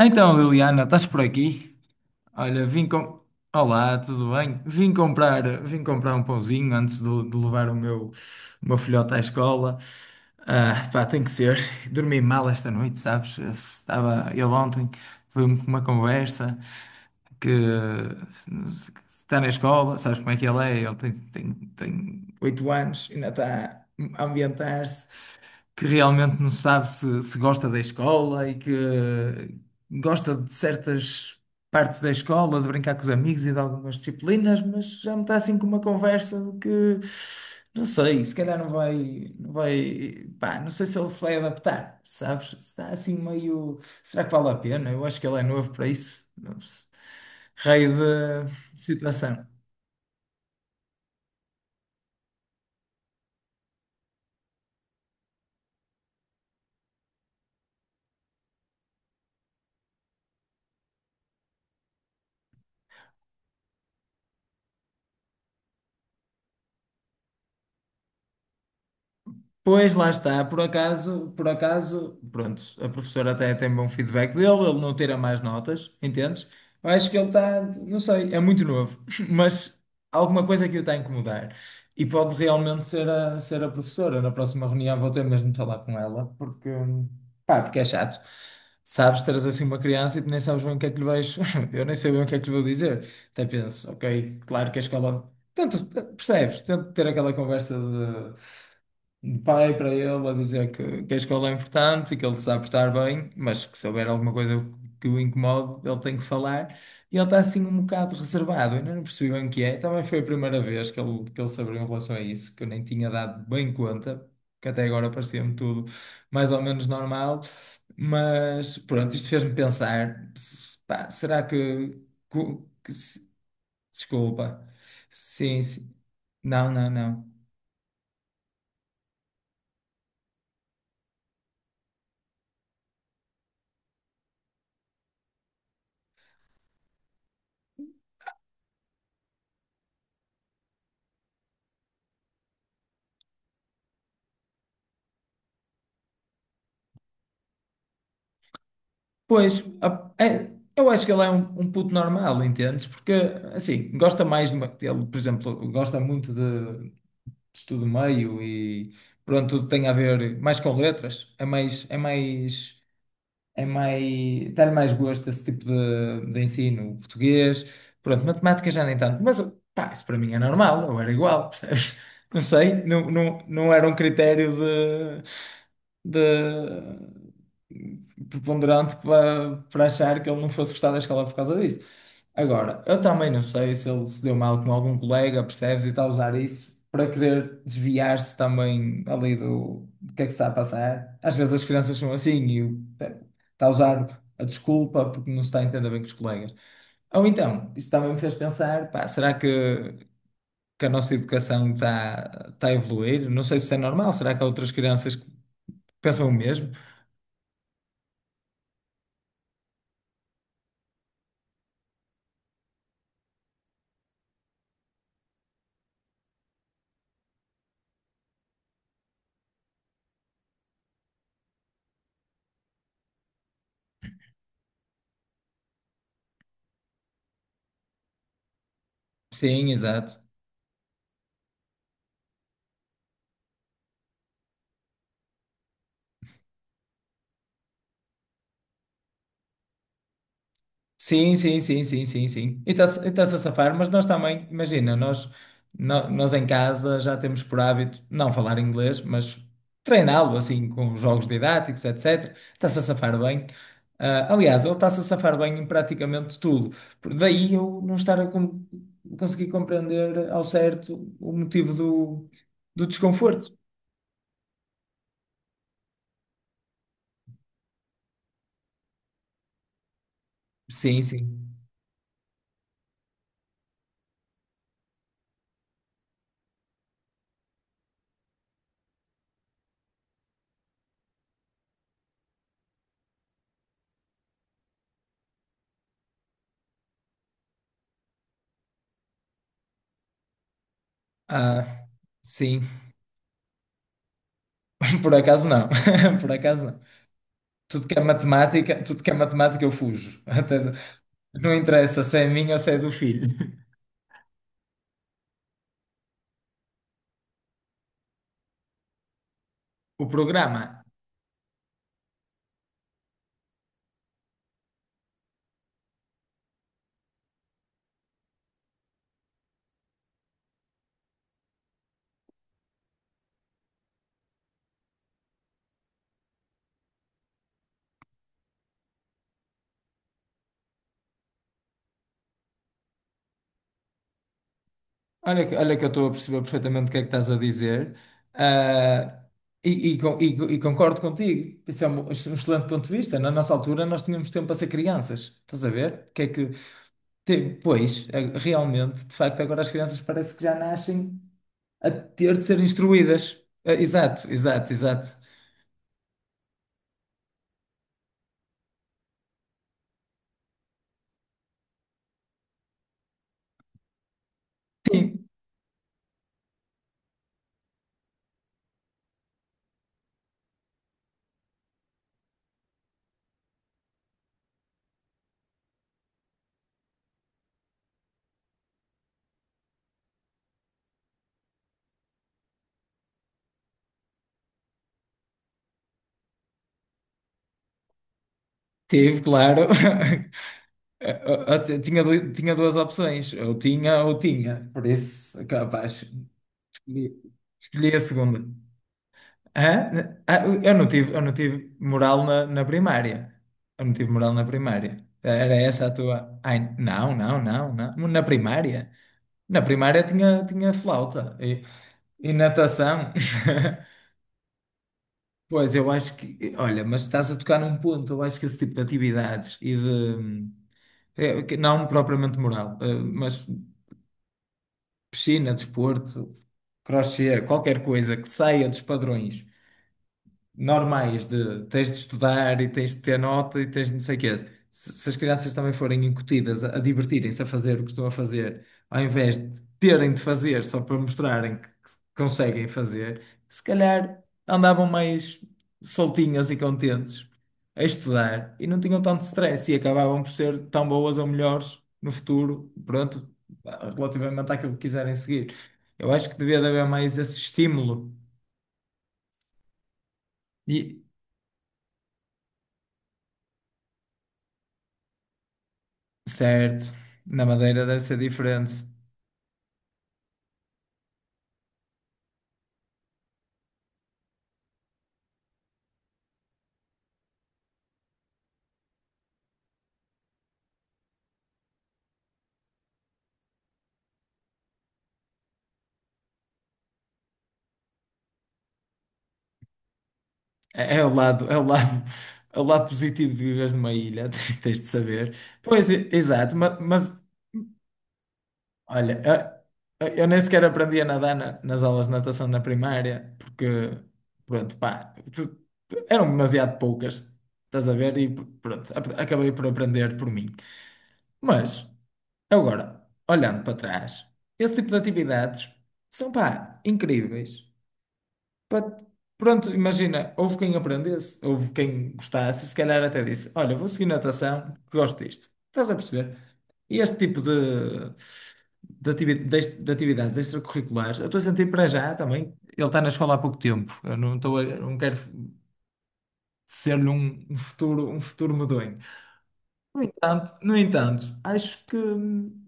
Então, Liliana, estás por aqui? Olha, vim com... Olá, tudo bem? Vim comprar um pãozinho antes de levar o meu filhote à escola. Ah, pá, tem que ser. Dormi mal esta noite, sabes? Estava ele ontem, foi uma conversa que está na escola, sabes como é que ele é? Ele tem 8 anos, ainda está a ambientar-se que realmente não sabe se gosta da escola e que gosta de certas partes da escola, de brincar com os amigos e de algumas disciplinas, mas já me está assim com uma conversa de que não sei, se calhar não vai, pá, não sei se ele se vai adaptar, sabes? Está assim meio, será que vale a pena? Eu acho que ele é novo para isso, não sei. Raio de situação. Pois lá está, por acaso, pronto, a professora até tem bom feedback dele, ele não tira mais notas, entendes? Eu acho que ele está, não sei, é muito novo, mas alguma coisa que o está a incomodar. E pode realmente ser a professora. Na próxima reunião vou ter mesmo de falar com ela, porque, pá, porque é chato. Sabes, teres assim uma criança e tu nem sabes bem o que é que lhe vais. Eu nem sei bem o que é que lhe vou dizer. Até penso, ok, claro que a escola. Tanto, percebes? Tento ter aquela conversa de pai para ele a dizer que a escola é importante e que ele se sabe estar bem, mas que se houver alguma coisa que o incomode, ele tem que falar. E ele está assim um bocado reservado, eu ainda não percebi bem o que é. Também foi a primeira vez que ele se abriu em relação a isso, que eu nem tinha dado bem conta, que até agora parecia-me tudo mais ou menos normal. Mas pronto, isto fez-me pensar, pá, será que, que- que se- desculpa. Sim, sim. Não, não, não. Pois, eu acho que ele é um, um puto normal, entendes? Porque, assim, gosta mais de ele, por exemplo, gosta muito de estudo meio e, pronto, tudo tem a ver mais com letras. É mais, dá-lhe mais gosto esse tipo de ensino, o português, pronto, matemática já nem tanto, mas pá, isso para mim é normal, eu era igual, percebes? Não sei, não era um critério de preponderante para achar que ele não fosse gostar da escola por causa disso. Agora, eu também não sei se ele se deu mal com algum colega, percebes, e está a usar isso para querer desviar-se também ali do, do que é que se está a passar. Às vezes as crianças são assim e eu, está a usar a desculpa porque não se está a entender bem com os colegas. Ou então, isso também me fez pensar, pá, será que a nossa educação está a evoluir? Não sei se é normal, será que há outras crianças que pensam o mesmo? Sim, exato. Sim, sim, sim, sim, sim, sim. E está-se a safar, mas nós também, imagina, nós, nós em casa já temos por hábito não falar inglês, mas treiná-lo assim com jogos didáticos, etc. Está-se a safar bem. Ah, aliás, ele está-se a safar bem em praticamente tudo. Daí eu não estar a conseguir compreender ao certo o motivo do, do desconforto. Sim, sim. Ah, sim, por acaso não. Por acaso não. Tudo que é matemática eu fujo. Não interessa se é minha ou se é do filho. O programa. Olha, olha que eu estou a perceber perfeitamente o que é que estás a dizer. Ah, e concordo contigo. Isso é um, um excelente ponto de vista. Na nossa altura, nós tínhamos tempo para ser crianças. Estás a ver? O que é que, pois, realmente, de facto, agora as crianças parece que já nascem a ter de ser instruídas. Ah, exato. Sim, tive, claro. Tinha, tinha duas opções, ou tinha, por isso, é capaz, escolhi, escolhi a segunda. Hã? Ah, eu não tive moral na primária. Eu não tive moral na primária. Era essa a tua. Ai, não, não, não, não. Na primária. Na primária tinha, tinha flauta e natação. Pois, eu acho que. Olha, mas estás a tocar num ponto. Eu acho que esse tipo de atividades e de. Que não propriamente moral, mas piscina, desporto, crochê, qualquer coisa que saia dos padrões normais de tens de estudar e tens de ter nota e tens de não sei o quê. Se as crianças também forem incutidas a divertirem-se a fazer o que estão a fazer, ao invés de terem de fazer só para mostrarem que conseguem fazer, se calhar andavam mais soltinhas e contentes a estudar e não tinham tanto stress e acabavam por ser tão boas ou melhores no futuro, pronto, relativamente àquilo que quiserem seguir. Eu acho que devia de haver mais esse estímulo. E certo. Na Madeira deve ser diferente. É, é o lado, é o lado, é o lado positivo de viveres numa ilha, tens de saber. Pois, exato, mas, olha, eu nem sequer aprendi a nadar nas aulas de natação na primária, porque, pronto, pá, eram demasiado poucas, estás a ver? E pronto, acabei por aprender por mim. Mas, agora, olhando para trás, esse tipo de atividades são, pá, incríveis. Pá, pronto, imagina, houve quem aprendesse, houve quem gostasse, se calhar até disse: Olha, vou seguir natação, porque gosto disto. Estás a perceber? E este tipo de atividades extracurriculares, eu estou a sentir para já também. Ele está na escola há pouco tempo, eu não estou não quero ser-lhe um, um futuro medonho. No entanto, acho que. Hum,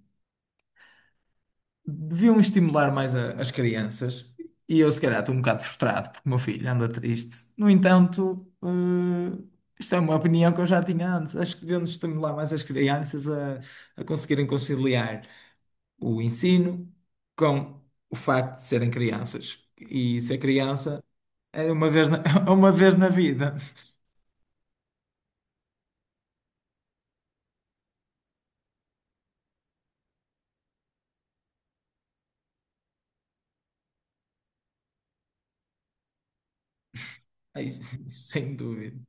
deviam estimular mais as crianças. E eu, se calhar, estou um bocado frustrado porque o meu filho anda triste. No entanto, eh, isto é uma opinião que eu já tinha antes. Acho que devemos estimular mais as crianças a conseguirem conciliar o ensino com o facto de serem crianças. E ser criança é uma vez é uma vez na vida. É isso, sem dúvida.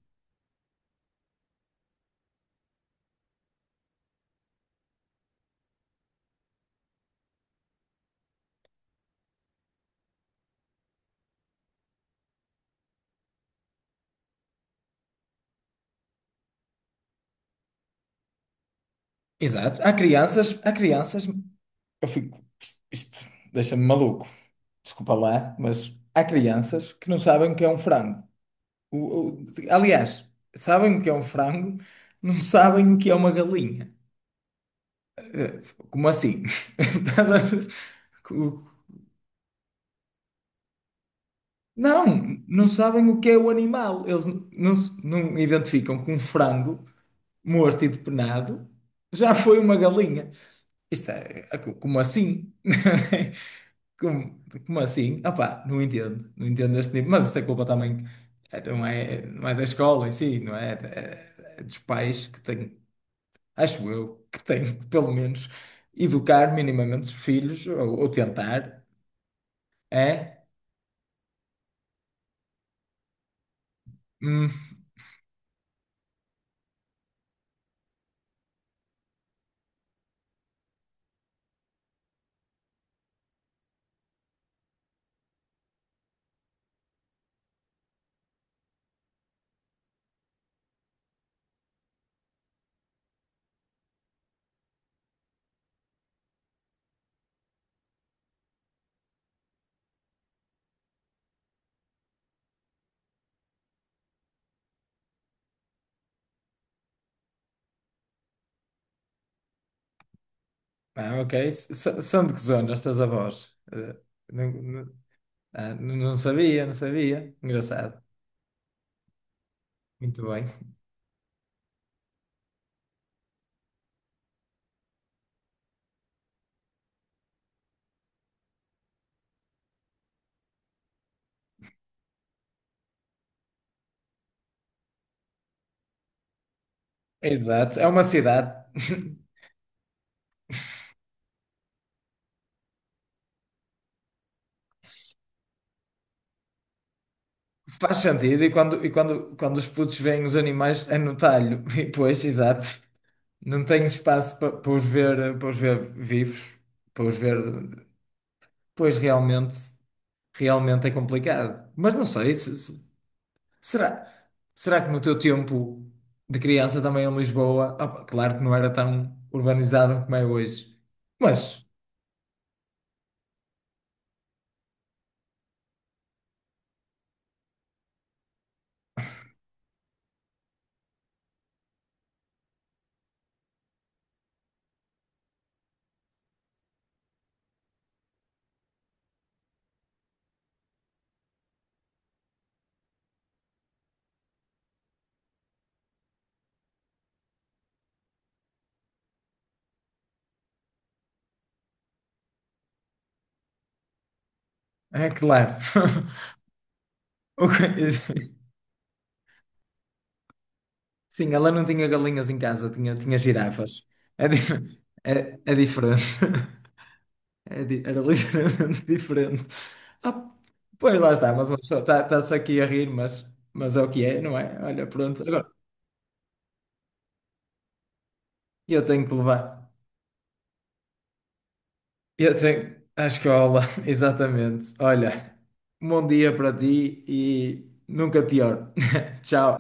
Exato. Há crianças. Isto deixa-me maluco. Desculpa lá, mas há crianças que não sabem o que é um frango. O- o- aliás, sabem o que é um frango, não sabem o que é uma galinha. Como assim? Estás a ver? Co- Não, não sabem o que é o animal. Eles n- não, se- não identificam que um frango morto e depenado já foi uma galinha. Isto como assim? Como assim? Opá, não entendo este nível, mas isso é culpa também, não é da escola em si, não é, é, é dos pais que têm, acho eu, que têm que, pelo menos educar minimamente os filhos, ou tentar, é? Hum, ah, ok, são de que zona estas avós? Eh, não, não, ah, não sabia, engraçado, muito bem. Exato, é uma cidade. Faz sentido, e quando, quando os putos veem os animais é no talho, e pois, exato, não tenho espaço para os ver vivos, para os ver, pois realmente, realmente é complicado. Mas não sei, se, será, será que no teu tempo de criança também em Lisboa, opa, claro que não era tão urbanizado como é hoje, mas é claro, O que- Sim, ela não tinha galinhas em casa, tinha, tinha girafas. É, di- é, é diferente. Era ligeiramente diferente. Ah, pois lá está, mas uma pessoa está-se aqui a rir, mas é o que é, não é? Olha, pronto, agora eu tenho que levar. Eu tenho à escola, exatamente. Olha, um bom dia para ti e nunca pior. Tchau.